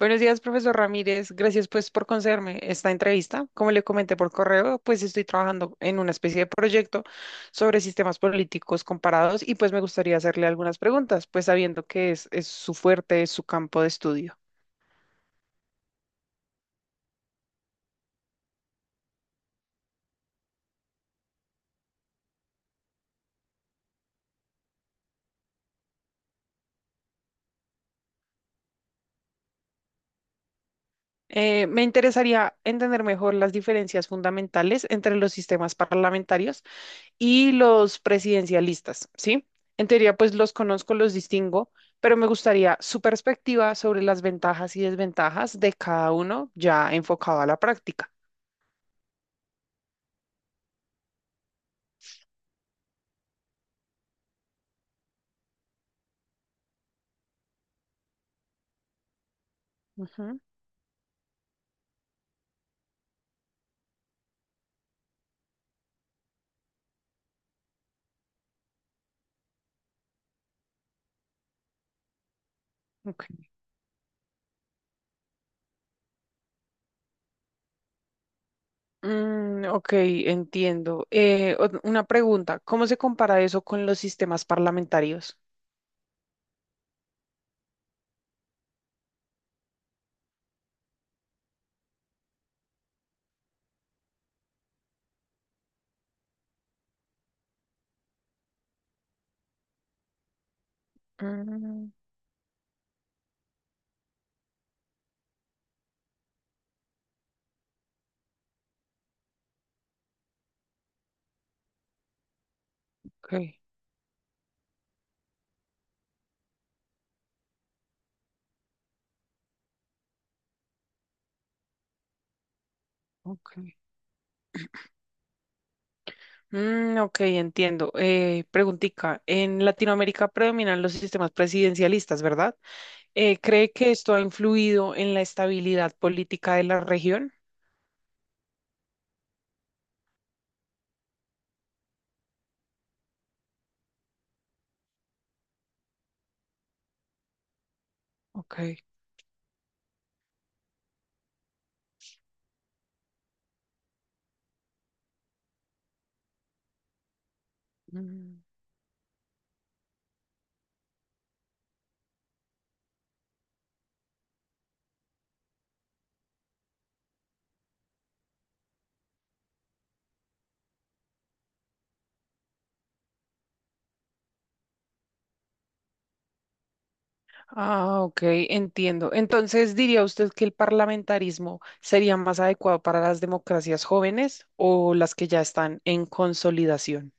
Buenos días, profesor Ramírez. Gracias pues por concederme esta entrevista. Como le comenté por correo, pues estoy trabajando en una especie de proyecto sobre sistemas políticos comparados y pues me gustaría hacerle algunas preguntas, pues sabiendo que es su fuerte, es su campo de estudio. Me interesaría entender mejor las diferencias fundamentales entre los sistemas parlamentarios y los presidencialistas, ¿sí? En teoría, pues los conozco, los distingo, pero me gustaría su perspectiva sobre las ventajas y desventajas de cada uno ya enfocado a la práctica. Ujú, ok. Mm, ok, entiendo. Una pregunta, ¿cómo se compara eso con los sistemas parlamentarios? Mm, ok, ok. Mm, ok, entiendo. Preguntica, en Latinoamérica predominan los sistemas presidencialistas, ¿verdad? ¿Cree que esto ha influido en la estabilidad política de la región? Ok. Mm. Ah, ok, entiendo. Entonces, ¿diría usted que el parlamentarismo sería más adecuado para las democracias jóvenes o las que ya están en consolidación?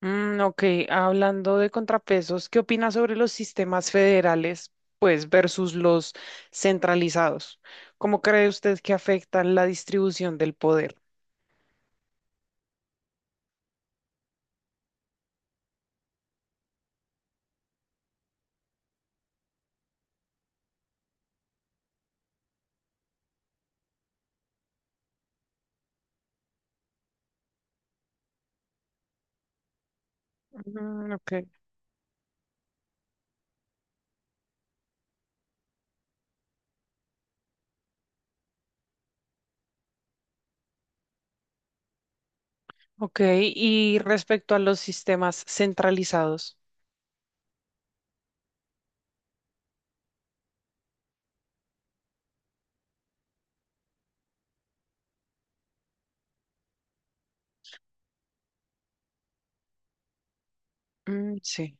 Mm, ok, hablando de contrapesos, ¿qué opinas sobre los sistemas federales, pues, versus los centralizados? ¿Cómo cree usted que afectan la distribución del poder? Mm, ok, ok. Y respecto a los sistemas centralizados, mm, sí,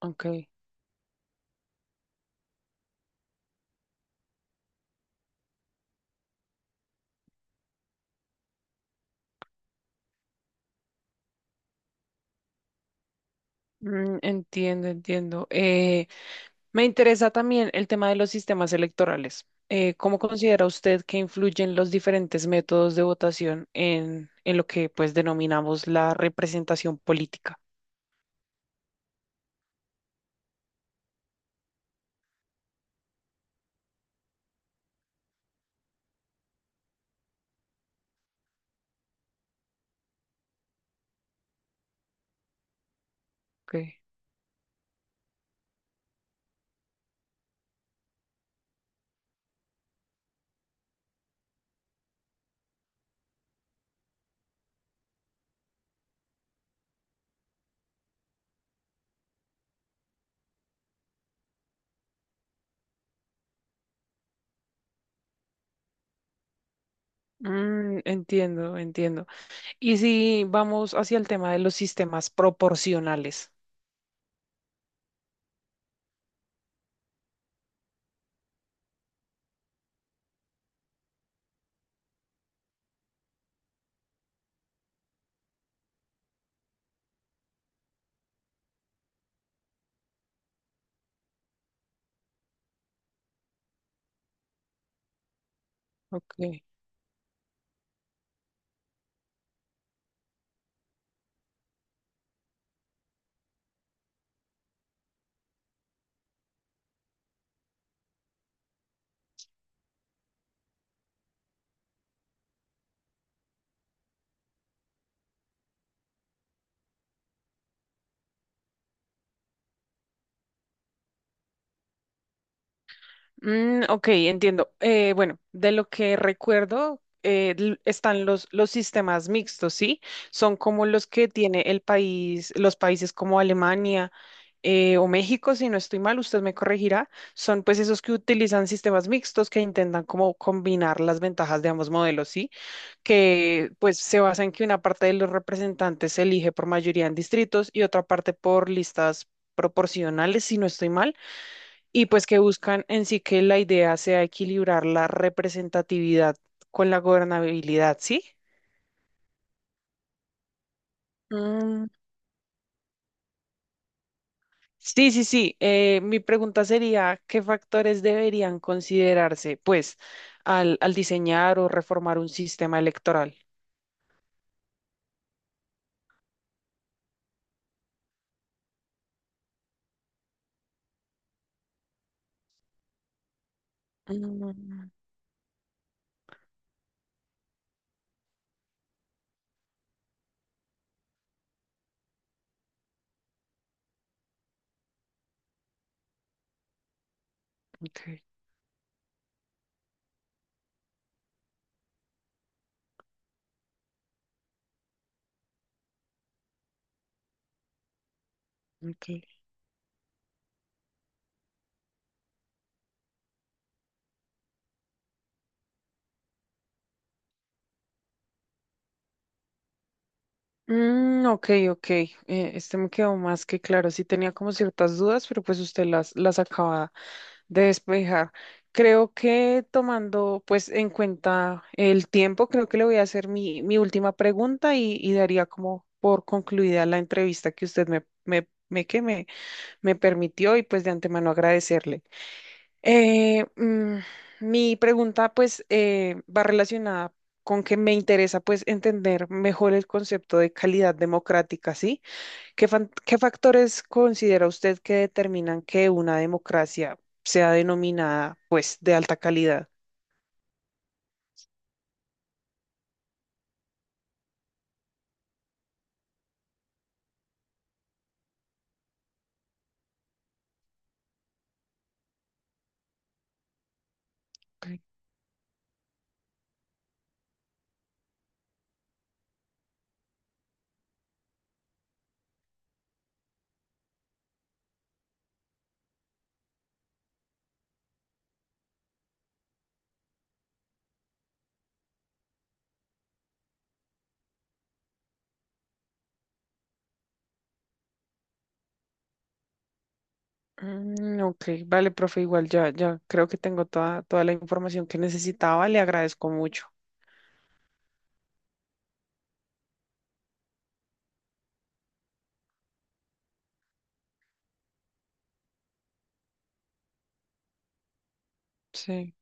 ok. Mm, entiendo, entiendo. Me interesa también el tema de los sistemas electorales. ¿Cómo considera usted que influyen los diferentes métodos de votación en lo que pues denominamos la representación política? Ok. Mm, entiendo, entiendo. Y si vamos hacia el tema de los sistemas proporcionales. Ok. Mm, ok, entiendo. Bueno, de lo que recuerdo, están los sistemas mixtos, ¿sí? Son como los que tiene el país, los países como Alemania o México, si no estoy mal, usted me corregirá, son pues esos que utilizan sistemas mixtos que intentan como combinar las ventajas de ambos modelos, ¿sí? Que pues se basa en que una parte de los representantes se elige por mayoría en distritos y otra parte por listas proporcionales, si no estoy mal, y pues que buscan en sí que la idea sea equilibrar la representatividad con la gobernabilidad, ¿sí? Sí, sí, sí. Mi pregunta sería, ¿qué factores deberían considerarse, pues, al diseñar o reformar un sistema electoral? Mm, ok, ok. Mm, ok, ok. Este me quedó más que claro. Sí tenía como ciertas dudas, pero pues usted las acaba de despejar. Creo que tomando pues en cuenta el tiempo, creo que le voy a hacer mi última pregunta y daría como por concluida la entrevista que usted me, me, me, que me me permitió y pues de antemano agradecerle. Eh, mm, Mi pregunta pues va relacionada con que me interesa pues entender mejor el concepto de calidad democrática, ¿sí? ¿Qué factores considera usted que determinan que una democracia sea denominada pues de alta calidad? Mm, ok, vale, profe, igual ya, ya creo que tengo toda, toda la información que necesitaba, le agradezco mucho. Sí.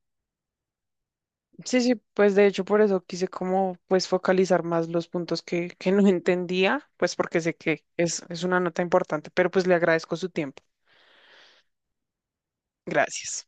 Sí, sí, pues de hecho por eso quise como pues focalizar más los puntos que no entendía, pues porque sé que es una nota importante, pero pues le agradezco su tiempo. Gracias.